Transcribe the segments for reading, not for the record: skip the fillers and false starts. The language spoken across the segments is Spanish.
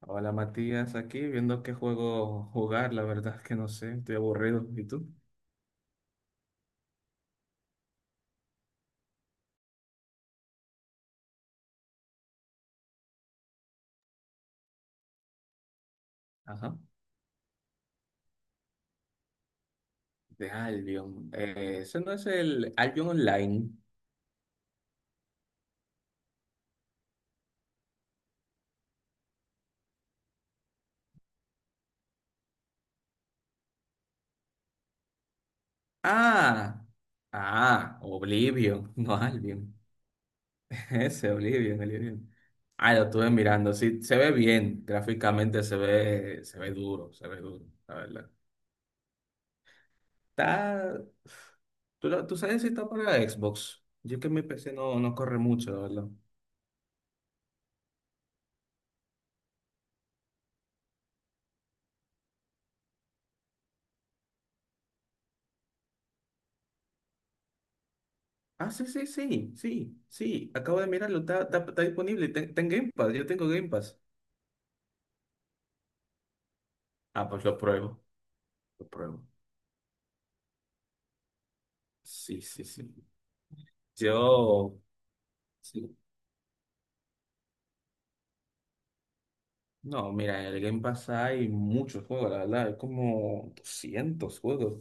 Hola Matías, aquí viendo qué juego jugar, la verdad es que no sé, estoy aburrido. ¿Y tú? Ajá. De Albion. Ese no es el Albion Online. Ah, ah, Oblivion, no Albion. Ese Oblivion, Oblivion. Ah, lo estuve mirando, sí, se ve bien, gráficamente se ve duro, la verdad. Está... ¿Tú, tú sabes si está para Xbox? Yo que mi PC no corre mucho, la verdad. Ah, sí, sí, sí, sí, sí. Acabo de mirarlo, está disponible. Está en Game Pass, yo tengo Game Pass. Ah, pues lo pruebo, lo pruebo. Sí, sí, sí. Yo, sí. No, mira, en el Game Pass hay muchos juegos, la verdad, hay como 200 juegos.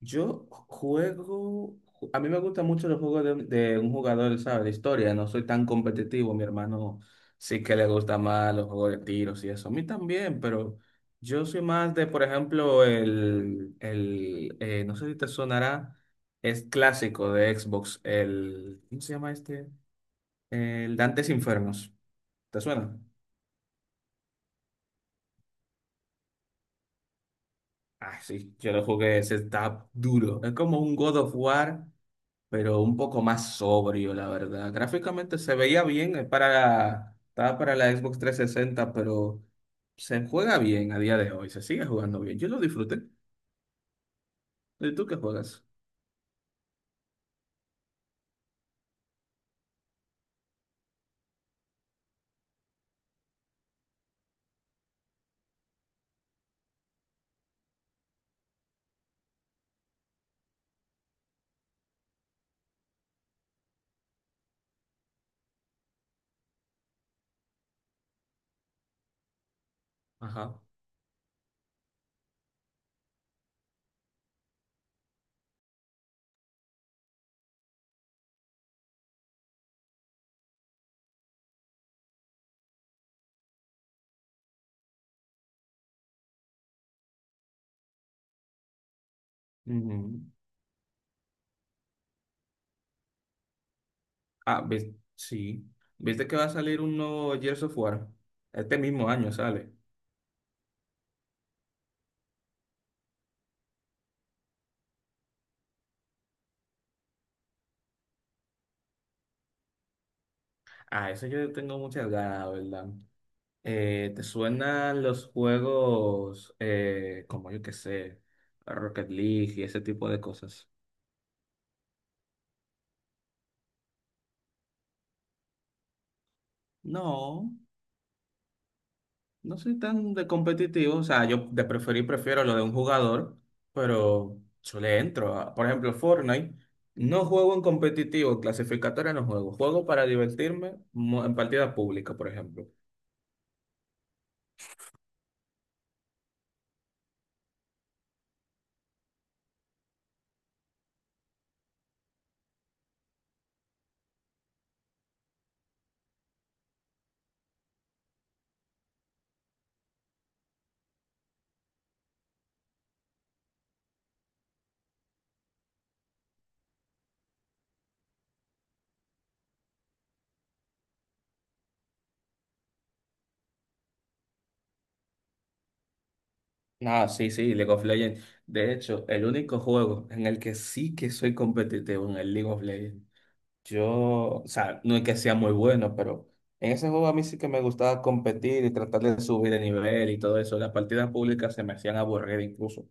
Yo juego, a mí me gustan mucho los juegos de un jugador, ¿sabes? De historia, no soy tan competitivo, mi hermano sí que le gusta más los juegos de tiros y eso, a mí también, pero yo soy más de, por ejemplo, el no sé si te sonará, es clásico de Xbox, el, ¿cómo se llama este? El Dantes Infernos, ¿te suena? Ah, sí, yo lo jugué, ese está duro. Es como un God of War, pero un poco más sobrio, la verdad. Gráficamente se veía bien, es para, estaba para la Xbox 360, pero se juega bien a día de hoy, se sigue jugando bien. Yo lo disfruté. ¿Y tú qué juegas? Ajá. Ujú. Ah, sí. ¿Viste que va a salir un nuevo Gears of War? Este mismo año sale. Ah, eso yo tengo muchas ganas, la ¿verdad? ¿Te suenan los juegos como yo que sé, Rocket League y ese tipo de cosas? No, no soy tan de competitivo. O sea, yo de preferir prefiero lo de un jugador, pero yo le entro, por ejemplo, Fortnite, no juego en competitivo, clasificatoria no juego. Juego para divertirme en partida pública, por ejemplo. Ah, sí, sí, League of Legends. De hecho, el único juego en el que sí que soy competitivo en el League of Legends. Yo, o sea, no es que sea muy bueno, pero en ese juego a mí sí que me gustaba competir y tratar de subir de nivel y todo eso. Las partidas públicas se me hacían aburrir incluso.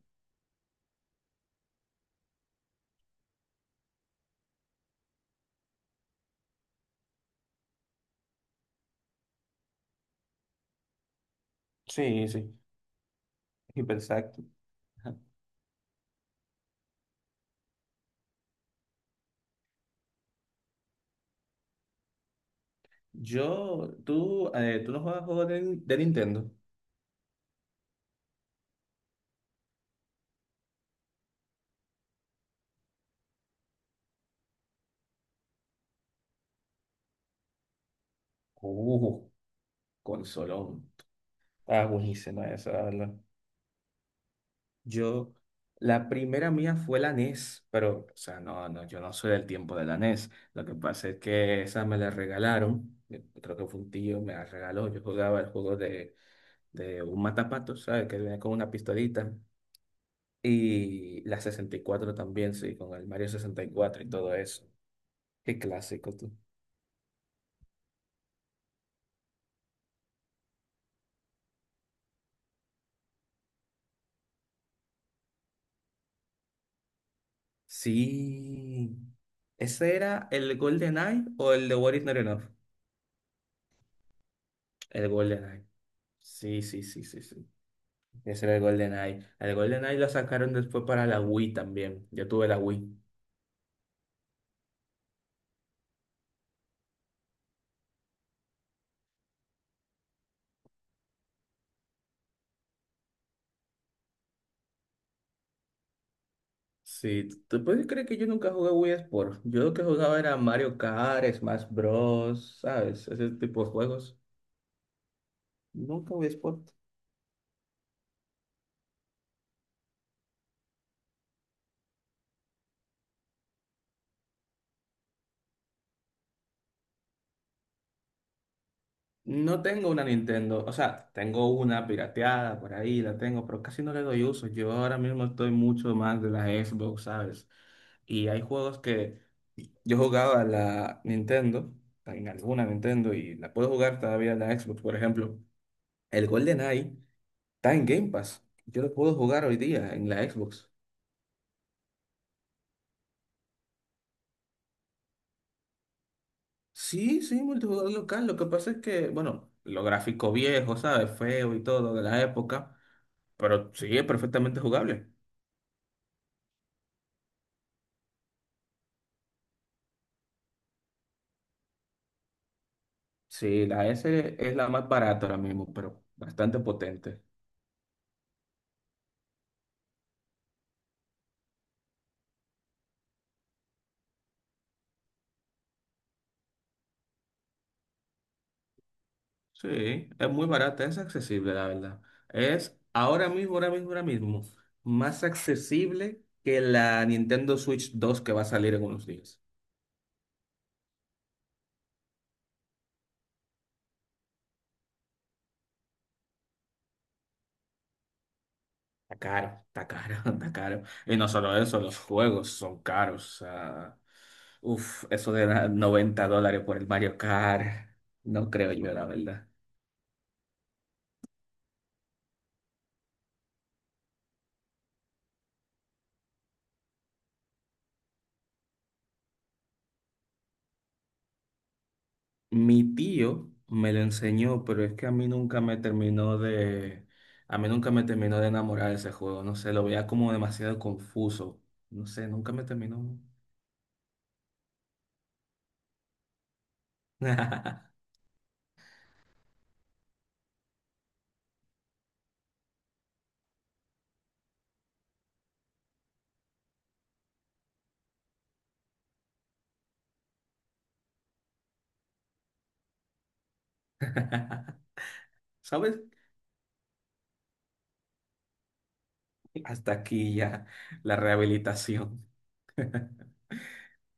Sí, sí, exacto. Tú no juegas juegos de Nintendo. Uh, consolón. Está buenísimo eso, la verdad. Yo, la primera mía fue la NES, pero, o sea, no, no, yo no soy del tiempo de la NES. Lo que pasa es que esa me la regalaron, creo que fue un tío, me la regaló. Yo jugaba el juego de un matapato, ¿sabes? Que viene con una pistolita. Y la 64 también, sí, con el Mario 64 y todo eso. Qué clásico, tú. Sí. ¿Ese era el Golden Eye o el de What Is Not Enough? El Golden Eye. Sí, sí, sí, sí, sí. Ese era el GoldenEye. El GoldenEye lo sacaron después para la Wii también. Yo tuve la Wii. Sí, ¿tú puedes creer que yo nunca jugué Wii Sport? Yo lo que jugaba era Mario Kart, Smash Bros, ¿sabes? Ese tipo de juegos. Nunca Wii Sport. No tengo una Nintendo, o sea, tengo una pirateada por ahí, la tengo, pero casi no le doy uso. Yo ahora mismo estoy mucho más de la Xbox, ¿sabes? Y hay juegos que yo jugaba a la Nintendo, en alguna Nintendo, y la puedo jugar todavía en la Xbox. Por ejemplo, el GoldenEye está en Game Pass. Yo lo puedo jugar hoy día en la Xbox. Sí, sí, multijugador local. Lo que pasa es que, bueno, lo gráfico viejo, ¿sabes? Feo y todo de la época, pero sí, es perfectamente jugable. Sí, la S es la más barata ahora mismo, pero bastante potente. Sí, es muy barata, es accesible, la verdad. Es ahora mismo, más accesible que la Nintendo Switch 2 que va a salir en unos días. Está caro, está caro. Y no solo eso, los juegos son caros. O sea, uf, eso de $90 por el Mario Kart, no creo yo, la verdad. Mi tío me lo enseñó, pero es que a mí nunca me terminó de enamorar ese juego. No sé, lo veía como demasiado confuso. No sé, nunca me terminó. ¿Sabes? Hasta aquí ya la rehabilitación.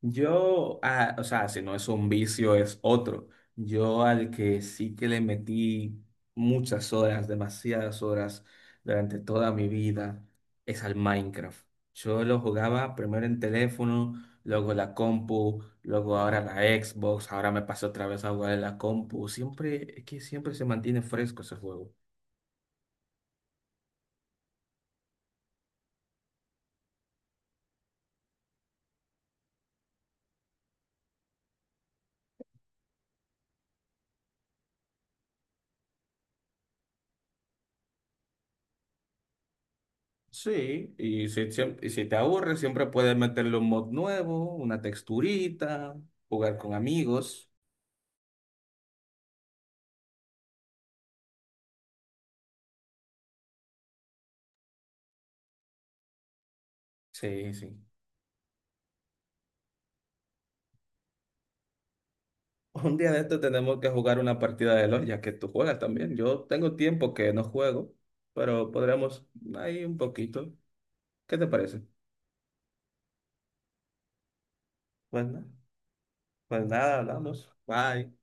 Yo, ah, o sea, si no es un vicio, es otro. Yo al que sí que le metí muchas horas, demasiadas horas durante toda mi vida, es al Minecraft. Yo lo jugaba primero en teléfono, luego la compu, luego ahora la Xbox, ahora me pasé otra vez a jugar en la compu. Siempre, es que siempre se mantiene fresco ese juego. Sí, y y si te aburres, siempre puedes meterle un mod nuevo, una texturita, jugar con amigos. Sí, sí. Un día de esto tenemos que jugar una partida de LOL, ya que tú juegas también. Yo tengo tiempo que no juego, pero podríamos ahí un poquito. ¿Qué te parece? Bueno, pues nada, hablamos. Bye.